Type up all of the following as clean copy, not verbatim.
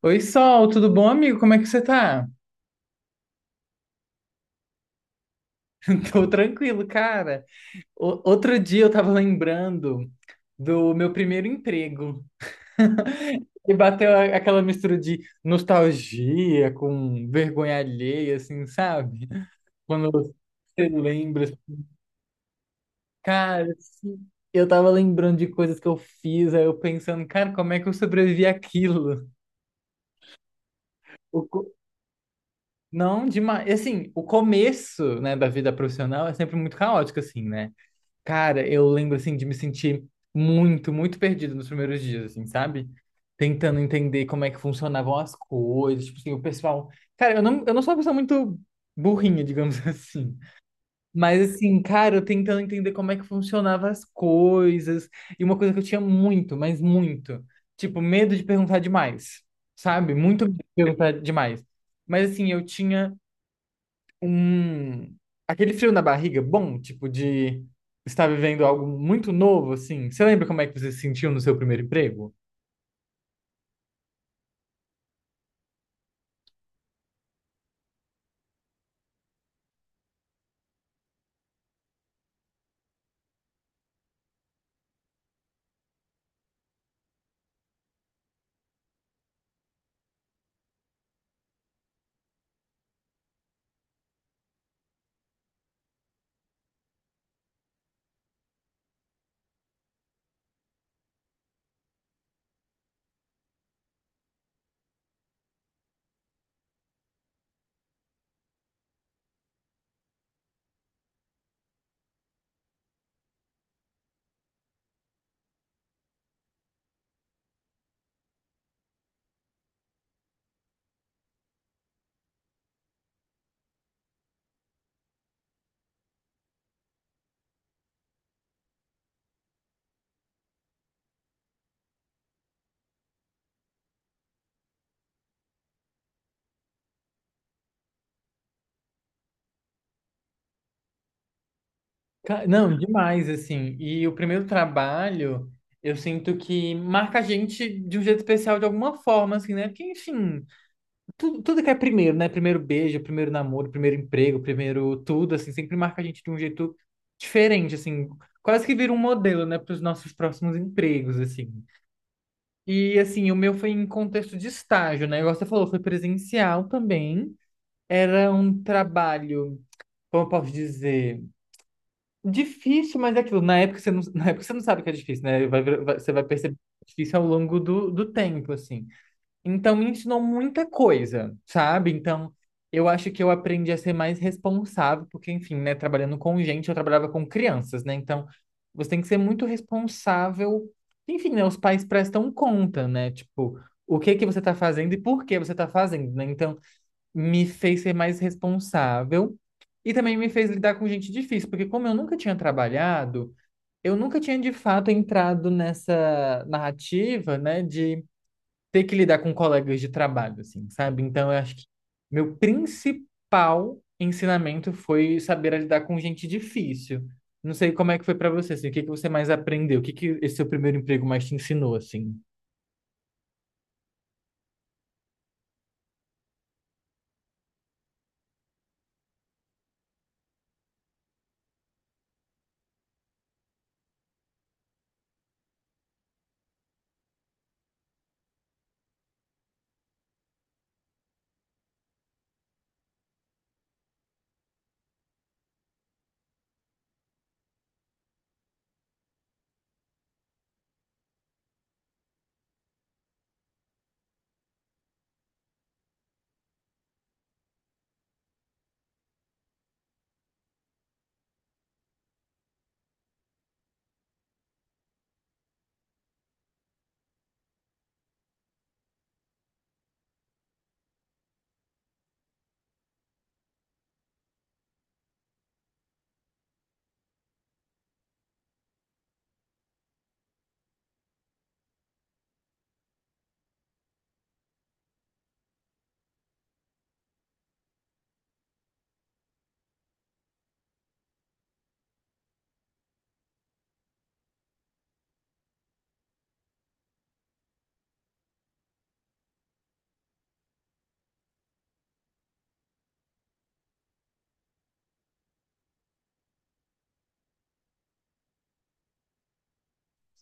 Oi, Sol, tudo bom, amigo? Como é que você tá? Tô tranquilo, cara. Outro dia eu tava lembrando do meu primeiro emprego. E bateu aquela mistura de nostalgia com vergonha alheia, assim, sabe? Quando você lembra, assim, cara, assim, eu tava lembrando de coisas que eu fiz, aí eu pensando, cara, como é que eu sobrevivi àquilo? O co- Não, demais. Assim, o começo, né, da vida profissional é sempre muito caótico, assim, né? Cara, eu lembro assim de me sentir muito, muito perdido nos primeiros dias, assim, sabe? Tentando entender como é que funcionavam as coisas, tipo assim, o pessoal. Cara, eu não sou uma pessoa muito burrinha, digamos assim. Mas assim, cara, eu tentando entender como é que funcionavam as coisas. E uma coisa que eu tinha muito, mas muito, tipo, medo de perguntar demais, sabe? Muito medo de perguntar demais. Mas assim, eu tinha um aquele frio na barriga bom, tipo de estar vivendo algo muito novo assim. Você lembra como é que você se sentiu no seu primeiro emprego? Não, demais assim. E o primeiro trabalho, eu sinto que marca a gente de um jeito especial de alguma forma assim, né? Porque enfim, tudo que é primeiro, né? Primeiro beijo, primeiro namoro, primeiro emprego, primeiro tudo assim, sempre marca a gente de um jeito diferente assim. Quase que vira um modelo, né, para os nossos próximos empregos, assim. E assim, o meu foi em contexto de estágio, né? Igual você falou, foi presencial também. Era um trabalho, como eu posso dizer, difícil, mas é aquilo. Na época você não, na época você não sabe que é difícil, né? Você vai perceber que é difícil ao longo do tempo, assim. Então me ensinou muita coisa, sabe? Então eu acho que eu aprendi a ser mais responsável, porque enfim, né, trabalhando com gente, eu trabalhava com crianças, né? Então você tem que ser muito responsável. Enfim, né, os pais prestam conta, né? Tipo, o que que você tá fazendo e por que você tá fazendo, né? Então me fez ser mais responsável e também me fez lidar com gente difícil, porque como eu nunca tinha trabalhado, eu nunca tinha de fato entrado nessa narrativa, né, de ter que lidar com colegas de trabalho, assim, sabe? Então, eu acho que meu principal ensinamento foi saber lidar com gente difícil. Não sei como é que foi pra você, assim, o que que você mais aprendeu? O que que esse seu primeiro emprego mais te ensinou, assim?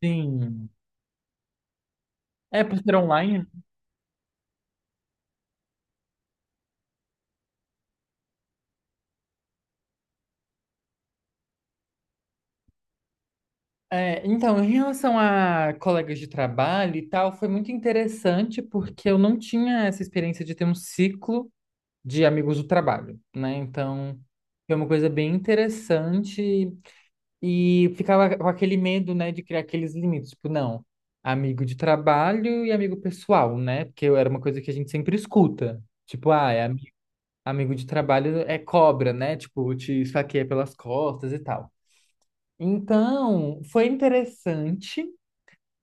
Sim. É, por ser online? É, então, em relação a colegas de trabalho e tal, foi muito interessante porque eu não tinha essa experiência de ter um ciclo de amigos do trabalho, né? Então, foi uma coisa bem interessante. E ficava com aquele medo, né, de criar aqueles limites. Tipo, não, amigo de trabalho e amigo pessoal, né? Porque era uma coisa que a gente sempre escuta. Tipo, amigo de trabalho é cobra, né? Tipo, te esfaqueia pelas costas e tal. Então, foi interessante.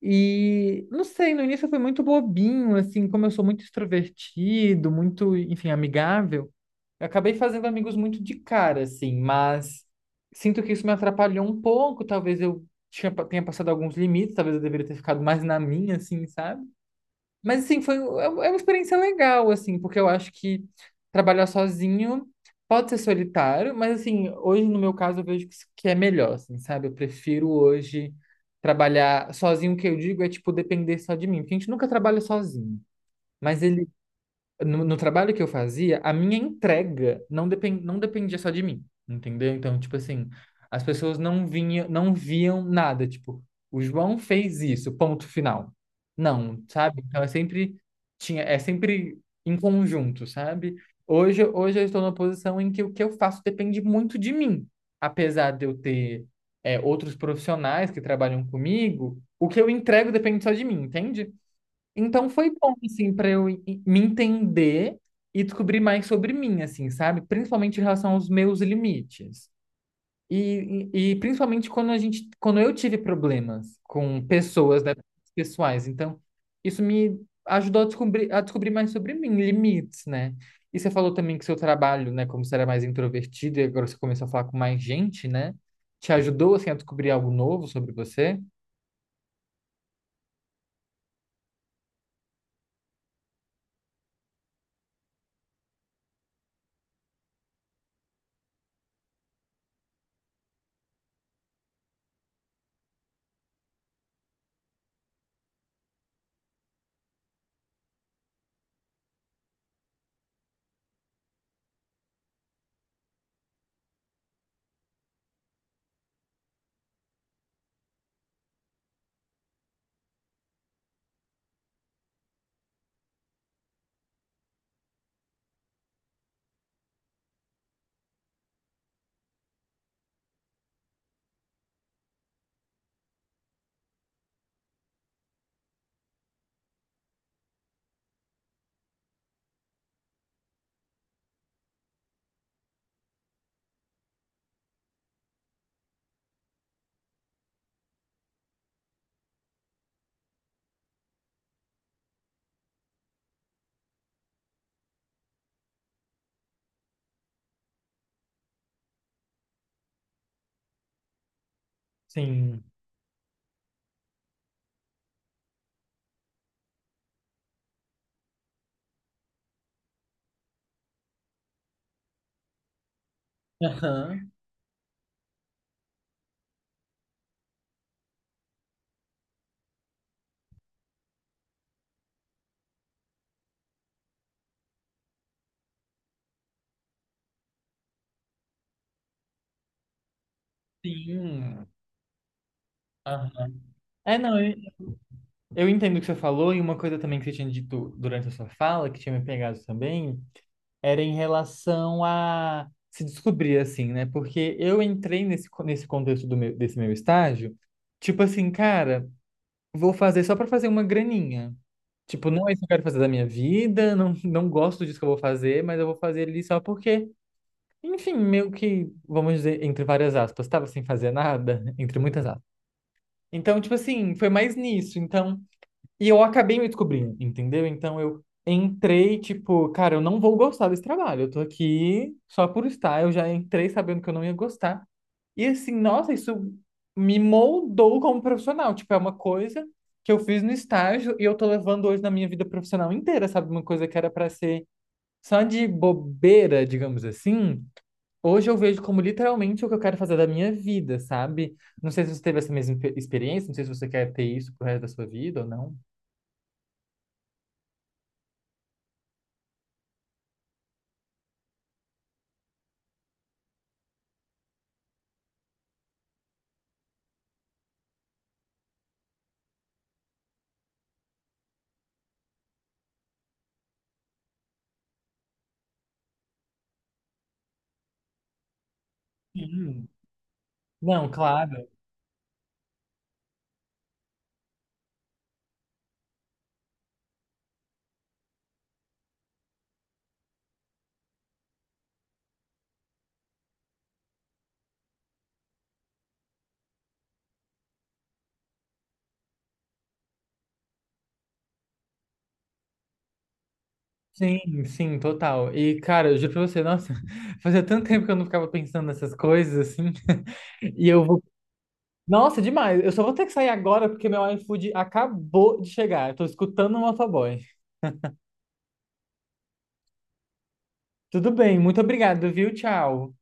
E não sei, no início eu fui muito bobinho, assim, como eu sou muito extrovertido, muito, enfim, amigável, eu acabei fazendo amigos muito de cara, assim, mas sinto que isso me atrapalhou um pouco, talvez eu tenha passado alguns limites, talvez eu deveria ter ficado mais na minha, assim, sabe? Mas assim, é uma experiência legal, assim, porque eu acho que trabalhar sozinho pode ser solitário, mas assim, hoje no meu caso eu vejo que que é melhor, assim, sabe? Eu prefiro hoje trabalhar sozinho, o que eu digo é tipo depender só de mim, porque a gente nunca trabalha sozinho, mas ele no trabalho que eu fazia, a minha entrega não, depen- não dependia só de mim, entendeu? Então, tipo assim, as pessoas não vinham, não viam nada, tipo, o João fez isso, ponto final. Não, sabe? Então é sempre em conjunto, sabe? Hoje eu estou numa posição em que o que eu faço depende muito de mim, apesar de eu ter outros profissionais que trabalham comigo, o que eu entrego depende só de mim, entende? Então foi bom, assim, para me entender e descobrir mais sobre mim, assim, sabe? Principalmente em relação aos meus limites. E principalmente quando eu tive problemas com pessoas, né, pessoais. Então, isso me ajudou a descobrir mais sobre mim, limites, né? E você falou também que seu trabalho, né, como você era mais introvertido e agora você começou a falar com mais gente, né? Te ajudou, assim, a descobrir algo novo sobre você? Sim. Aham, sim. Aham. É, não, eu entendo o que você falou, e uma coisa também que você tinha dito durante a sua fala, que tinha me pegado também, era em relação a se descobrir, assim, né? Porque eu entrei nesse contexto desse meu estágio, tipo assim, cara, vou fazer só para fazer uma graninha. Tipo, não é isso que eu quero fazer da minha vida, não gosto disso que eu vou fazer, mas eu vou fazer ali só porque, enfim, meio que, vamos dizer, entre várias aspas, tava sem fazer nada, entre muitas aspas. Então, tipo assim, foi mais nisso. Então. E eu acabei me descobrindo, entendeu? Então eu entrei, tipo, cara, eu não vou gostar desse trabalho. Eu tô aqui só por estar. Eu já entrei sabendo que eu não ia gostar. E assim, nossa, isso me moldou como profissional. Tipo, é uma coisa que eu fiz no estágio e eu tô levando hoje na minha vida profissional inteira, sabe? Uma coisa que era pra ser só de bobeira, digamos assim. Hoje eu vejo como literalmente o que eu quero fazer da minha vida, sabe? Não sei se você teve essa experiência, não sei se você quer ter isso pro resto da sua vida ou não. Sim. Não, claro. Sim, sim, total. E, cara, eu juro pra você, nossa, fazia tanto tempo que eu não ficava pensando nessas coisas, assim. E eu vou. Nossa, demais. Eu só vou ter que sair agora porque meu iFood acabou de chegar. Eu tô escutando o motoboy. Tudo bem, muito obrigado, viu? Tchau.